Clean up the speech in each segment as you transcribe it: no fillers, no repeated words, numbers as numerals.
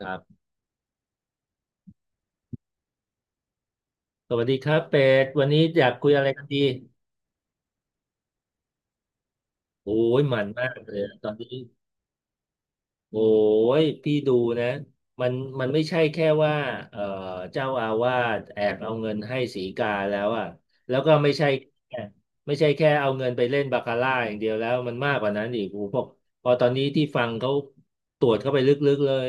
ครับสวัสดีครับเป็ดวันนี้อยากคุยอะไรกันดีโอ้ยมันมากเลยอะตอนนี้โอ้ยพี่ดูนะมันมันไม่ใช่แค่ว่าเอ่อเจ้าอาวาสแอบเอาเงินให้สีกาแล้วอ่ะแล้วก็ไม่ใช่แค่ไม่ใช่แค่เอาเงินไปเล่นบาคาร่าอย่างเดียวแล้วมันมากกว่านั้นอีกโอ้โหพอพอตอนนี้ที่ฟังเขาตรวจเข้าไปลึกๆเลย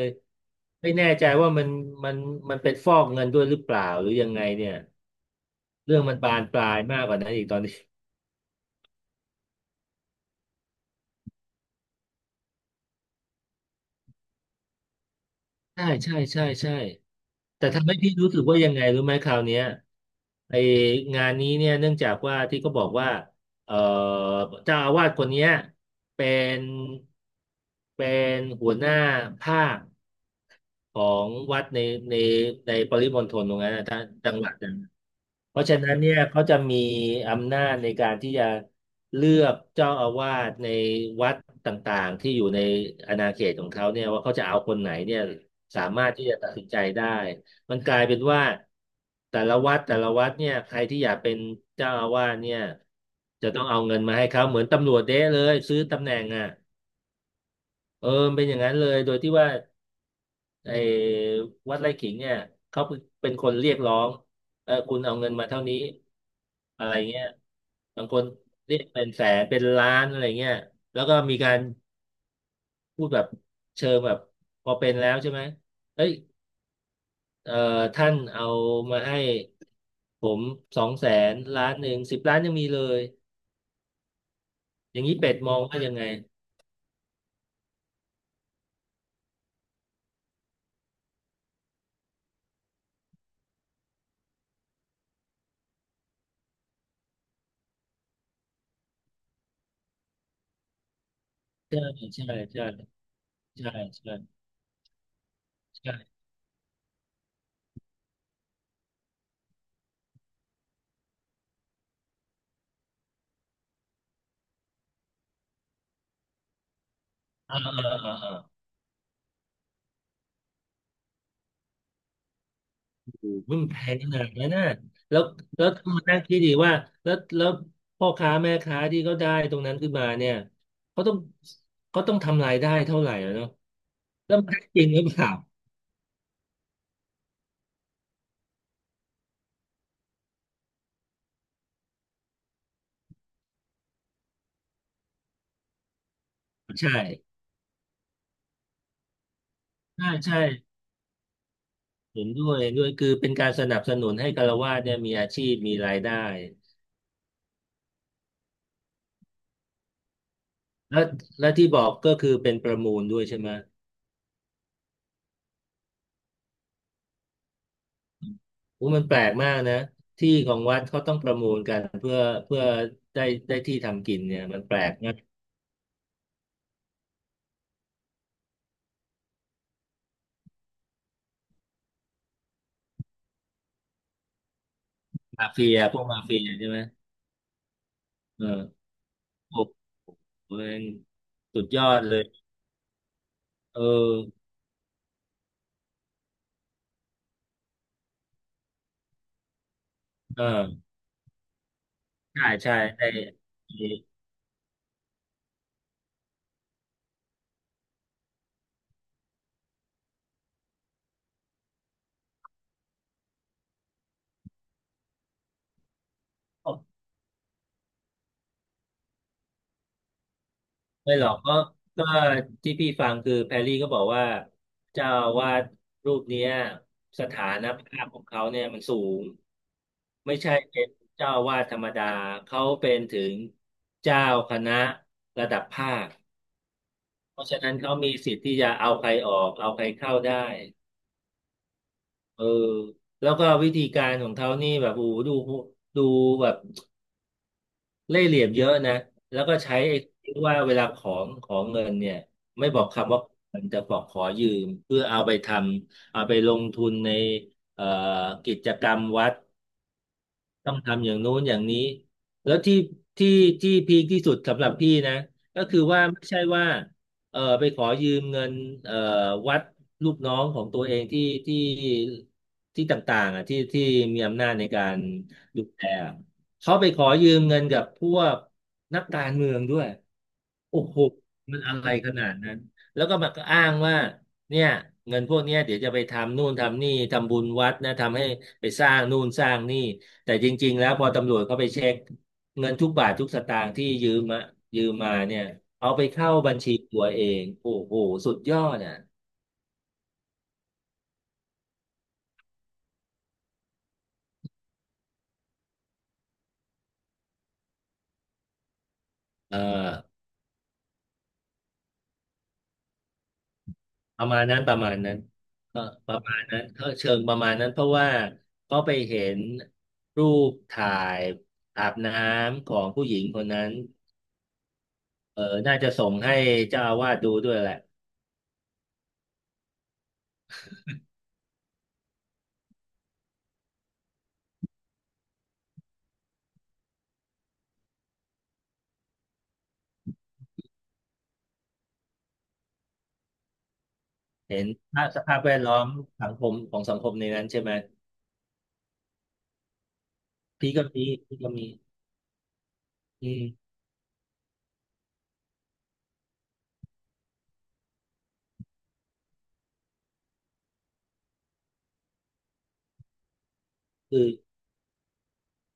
ไม่แน่ใจว่ามันมันเป็นฟอกเงินด้วยหรือเปล่าหรือยังไงเนี่ยเรื่องมันบานปลายมากกว่านั้นอีกตอนนี้ ใช่ใช่ใช่ใช่แต่ทำให้พี่รู้สึกว่ายังไงรู้ไหมคราวเนี้ยไองานนี้เนี่ยเนื่องจากว่าที่เขาบอกว่าเอ่อเจ้าอาวาสคนเนี้ยเป็นเป็นหัวหน้าภาค ของวัดในในปริมณฑลตรงนั้นนะ้านจังหวัดนั้นเพราะฉะนั้นเนี่ยเขาจะมีอำนาจในการที่จะเลือกเจ้าอาวาสในวัดต่างๆที่อยู่ในอาณาเขตของเขาเนี่ยว่าเขาจะเอาคนไหนเนี่ยสามารถที่จะตัดสินใจได้มันกลายเป็นว่าแต่ละวัดแต่ละวัดเนี่ยใครที่อยากเป็นเจ้าอาวาสเนี่ยจะต้องเอาเงินมาให้เขาเหมือนตำรวจเด้เลยซื้อตำแหน่งอ่ะเออเป็นอย่างนั้นเลยโดยที่ว่า ไอ้วัดไร่ขิงเนี่ยเขาเป็นคนเรียกร้องเออคุณเอาเงินมาเท่านี้อะไรเงี้ยบางคนเรียกเป็นแสนเป็นล้านอะไรเงี้ยแล้วก็มีการพูดแบบเชิงแบบพอเป็นแล้วใช่ไหมเฮ้ยเอ่อท่านเอามาให้ผมสองแสนล้านหนึ่งสิบล้านยังมีเลย อย่างนี้เป็ดมองว่ายังไงใช่ใช่ใช่ใช่ใช่ใช่อ่าอ่าอ่า อุ้ยมันแพงขนาดนั้นนะแล้วแล้วต้องมานั่งคิดดีว่าแล้วแล้วพ่อค้าแม่ค้าที่เขาได้ตรงนั้นขึ้นมาเนี่ยเขาต้องเขาต้องทำรายได้เท่าไหร่อะเนาะแล้วมันได้จริงหรือเปล่าใช่ใช่ใช่เห็นด้วยเห็นด้วยคือเป็นการสนับสนุนให้ฆราวาสเนี่ยมีอาชีพมีรายได้แล้วและที่บอกก็คือเป็นประมูลด้วยใช่ไหมโอ้มันแปลกมากนะที่ของวัดเขาต้องประมูลกันเพื่อเพื่อได้ได้ที่ทำกินเนี่ยมันแปลกนะมาเฟียพวกมาเฟียใช่ไหมเออ โอ้โหเป็นสุดยอดเลยเออเออใช่ใช่ในไม่หรอกก็ที่พี่ฟังคือแพรรี่ก็บอกว่าเจ้าอาวาสรูปเนี้ยสถานภาพของเขาเนี่ยมันสูงไม่ใช่เป็นเจ้าอาวาสธรรมดาเขาเป็นถึงเจ้าคณะระดับภาคเพราะฉะนั้นเขามีสิทธิ์ที่จะเอาใครออกเอาใครเข้าได้เออแล้วก็วิธีการของเขานี่แบบโอ้โหดูแบบ เล่ห์เหลี่ยมเยอะนะแล้วก็ใช้ไอ้ที่ว่าเวลาของของเงินเนี่ยไม่บอกคำว่ามันจะบอกขอยืมเพื่อเอาไปทำเอาไปลงทุนในเอ่อกิจกรรมวัด ต้องทำอย่างโน้นอย่างนี้แล้วที่ที่ที่พีคที่สุดสำหรับพี่นะก็คือว่าไม่ใช่ว่าเออไปขอยืมเงินเออวัดลูกน้องของตัวเองที่ที่ที่ต่างๆอ่ะที่ที่มีอำนาจในการดูแลเขาไปขอยืมเงินกับพวกนักการเมืองด้วยโอ้โหมันอะไรขนาดนั้นแล้วก็มาก็อ้างว่าเนี่ยเงินพวกเนี้ยเดี๋ยวจะไปทำนู่นทำนี่ทำบุญวัดนะทำให้ไปสร้างนู่นสร้างนี่ แต่จริงๆแล้วพอตำรวจเขาไปเช็คเงินทุกบาททุกสตางค์ที่ยืมมายืมมาเนี่ยเอาไปเข้าบัญชีตัวเองโอ้โหสุดยอดอ่ะเออประมาณนั้นประมาณนั้นเออประมาณนั้นก็เชิงประมาณนั้นเพราะว่าเขาไปเห็นรูปถ่ายอาบน้ำของผู้หญิงคนนั้นเออน่าจะส่งให้เจ้าอาวาสดูด้วยแหละเห็นภาพสภาพแวดล้อมสังคมของสังคมในนั้นใช่ไหมพี่ก็มีพี่ก็มีอืมคือ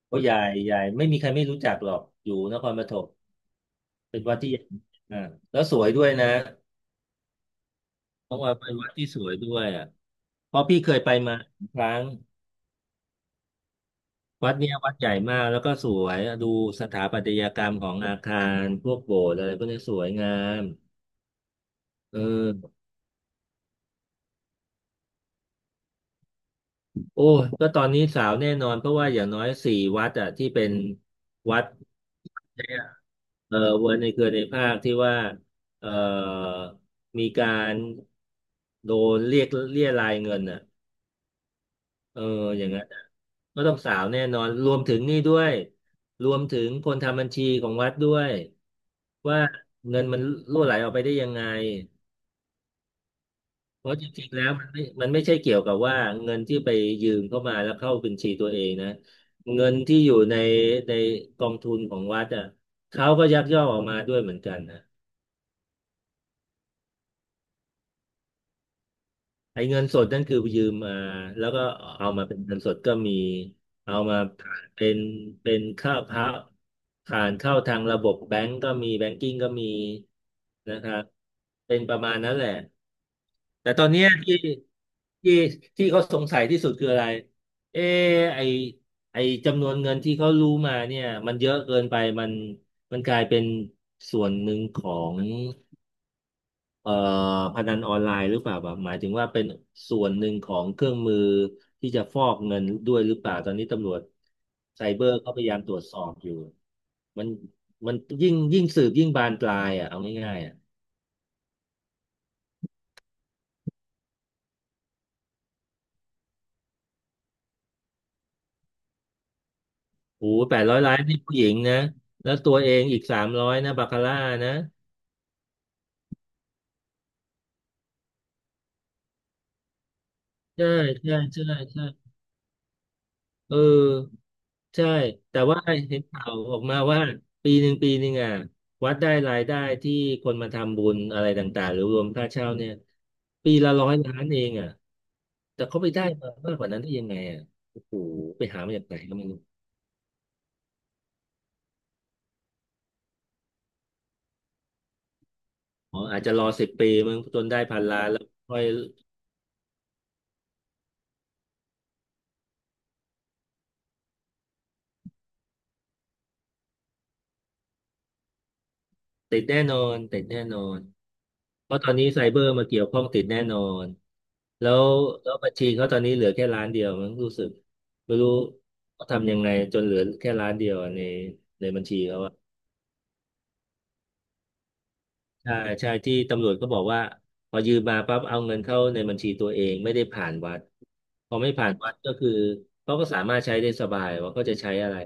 โอ้ยายยายไม่มีใครไม่รู้จักหรอกอยู่นครปฐมเป็นวัดที่อ่าแล้วสวยด้วยนะเพราะว่าเป็นวัดที่สวยด้วยอ่ะเพราะพี่เคยไปมาครั้งวัดเนี้ยวัดใหญ่มากแล้วก็สวยดูสถาปัตยกรรมของอาคารพวกโบสถ์อะไรพวกนี้สวยงามเออโอ้ยก็ตอนนี้สาวแน่นอนเพราะว่าอย่างน้อย4 วัดอ่ะที่เป็นวัดเนี่ยเออเวอร์ในเครือในภาคที่ว่าเออมีการโดนเรียกเรียรายเงินอ่ะ เอออย่างนั้นน่ะก็ต้องสาวแน่นอนรวมถึงนี่ด้วยรวมถึงคนทำบัญชีของวัดด้วยว่าเงินมันรั่วไหลออกไปได้ยังไงเพราะจริงๆแล้วมันไม่ใช่เกี่ยวกับว่าเงินที่ไปยืมเข้ามาแล้วเข้าบัญชีตัวเองนะเงินที่อยู่ในกองทุนของวัดอ่ะเขาก็ยักยอกออกมาด้วยเหมือนกันนะ ไอ้เงินสดนั่นคือยืมมาแล้วก็เอามาเป็นเงินสดก็มีเอามาเป็นเป็นค่าพักผ่านเข้าทางระบบแบงก์ก็มีแบงกิ้งก็มีนะครับเป็นประมาณนั้นแหละแต่ตอนเนี้ยที่ที่เขาสงสัยที่สุดคืออะไรเออไอไอจำนวนเงินที่เขารู้มาเนี่ยมันเยอะเกินไปมันกลายเป็นส่วนหนึ่งของ เอ่อพนันออนไลน์หรือเปล่าแบบหมายถึงว่าเป็นส่วนหนึ่งของเครื่องมือที่จะฟอกเงินด้วยหรือเปล่าตอนนี้ตำรวจไซเบอร์ก็พยายามตรวจสอบอยู่มันมันยิ่งสืบยิ่งบานปลายอ่ะเอาง่ายๆอ่ะโอ้800 ล้านนี่ผู้หญิงนะแล้วตัวเองอีก300นะบาคาร่านะใช่ใช่ใช่ใช่ เออใช่แต่ว่าเห็นข่าวออกมาว่าปีหนึ่งปีหนึ่งอ่ะวัดได้รายได้ที่คนมาทำบุญอะไรต่างๆหรือรวมค่าเช่าเนี่ยปีละร้อยล้านเองอ่ะแต่เขาไปได้มามากกว่านั้นได้ยังไงอ่ะโอ้โหไปหามาจากไหนก็ไม่รู้อ๋ออาจจะรอ10 ปีมึงจนได้1,000 ล้านแล้วค่อยติดแน่นอนติดแน่นอน เพราะตอนนี้ไซเบอร์มาเกี่ยวข้องติดแน่นอนแล้วแล้วบัญชีเขาตอนนี้เหลือแค่ล้านเดียวมั้งรู้สึกไม่รู้เขาทำยังไงจนเหลือแค่ล้านเดียวในบัญชีเขาอะใช่ใช่ที่ตำรวจก็บอกว่าพอยืมมาปั๊บเอาเงินเข้าในบัญชีตัวเองไม่ได้ผ่านวัดพอไม่ผ่านวัดก็คือเขาก็สามารถใช้ได้สบายว่าเขาจะใช้อะไร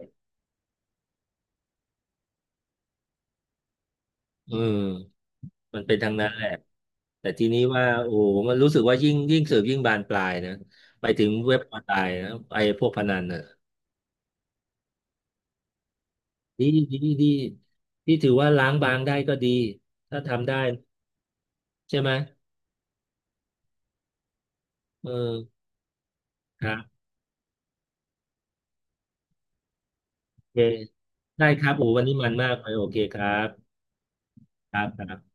อืมมันเป็นทางนั้นแหละแต่ทีนี้ว่าโอ้โหมันรู้สึกว่ายิ่งสืบยิ่งบานปลายนะไปถึงเว็บออนไลน์นะไอ้พวกพนันน่ะ ดีดีดีที่ถือว่าล้างบางได้ก็ดีถ้าทำได้ใช่ไหมเออครับโอเคได้ครับโอ้วันนี้มันมากเลยโอเคครับครับครับ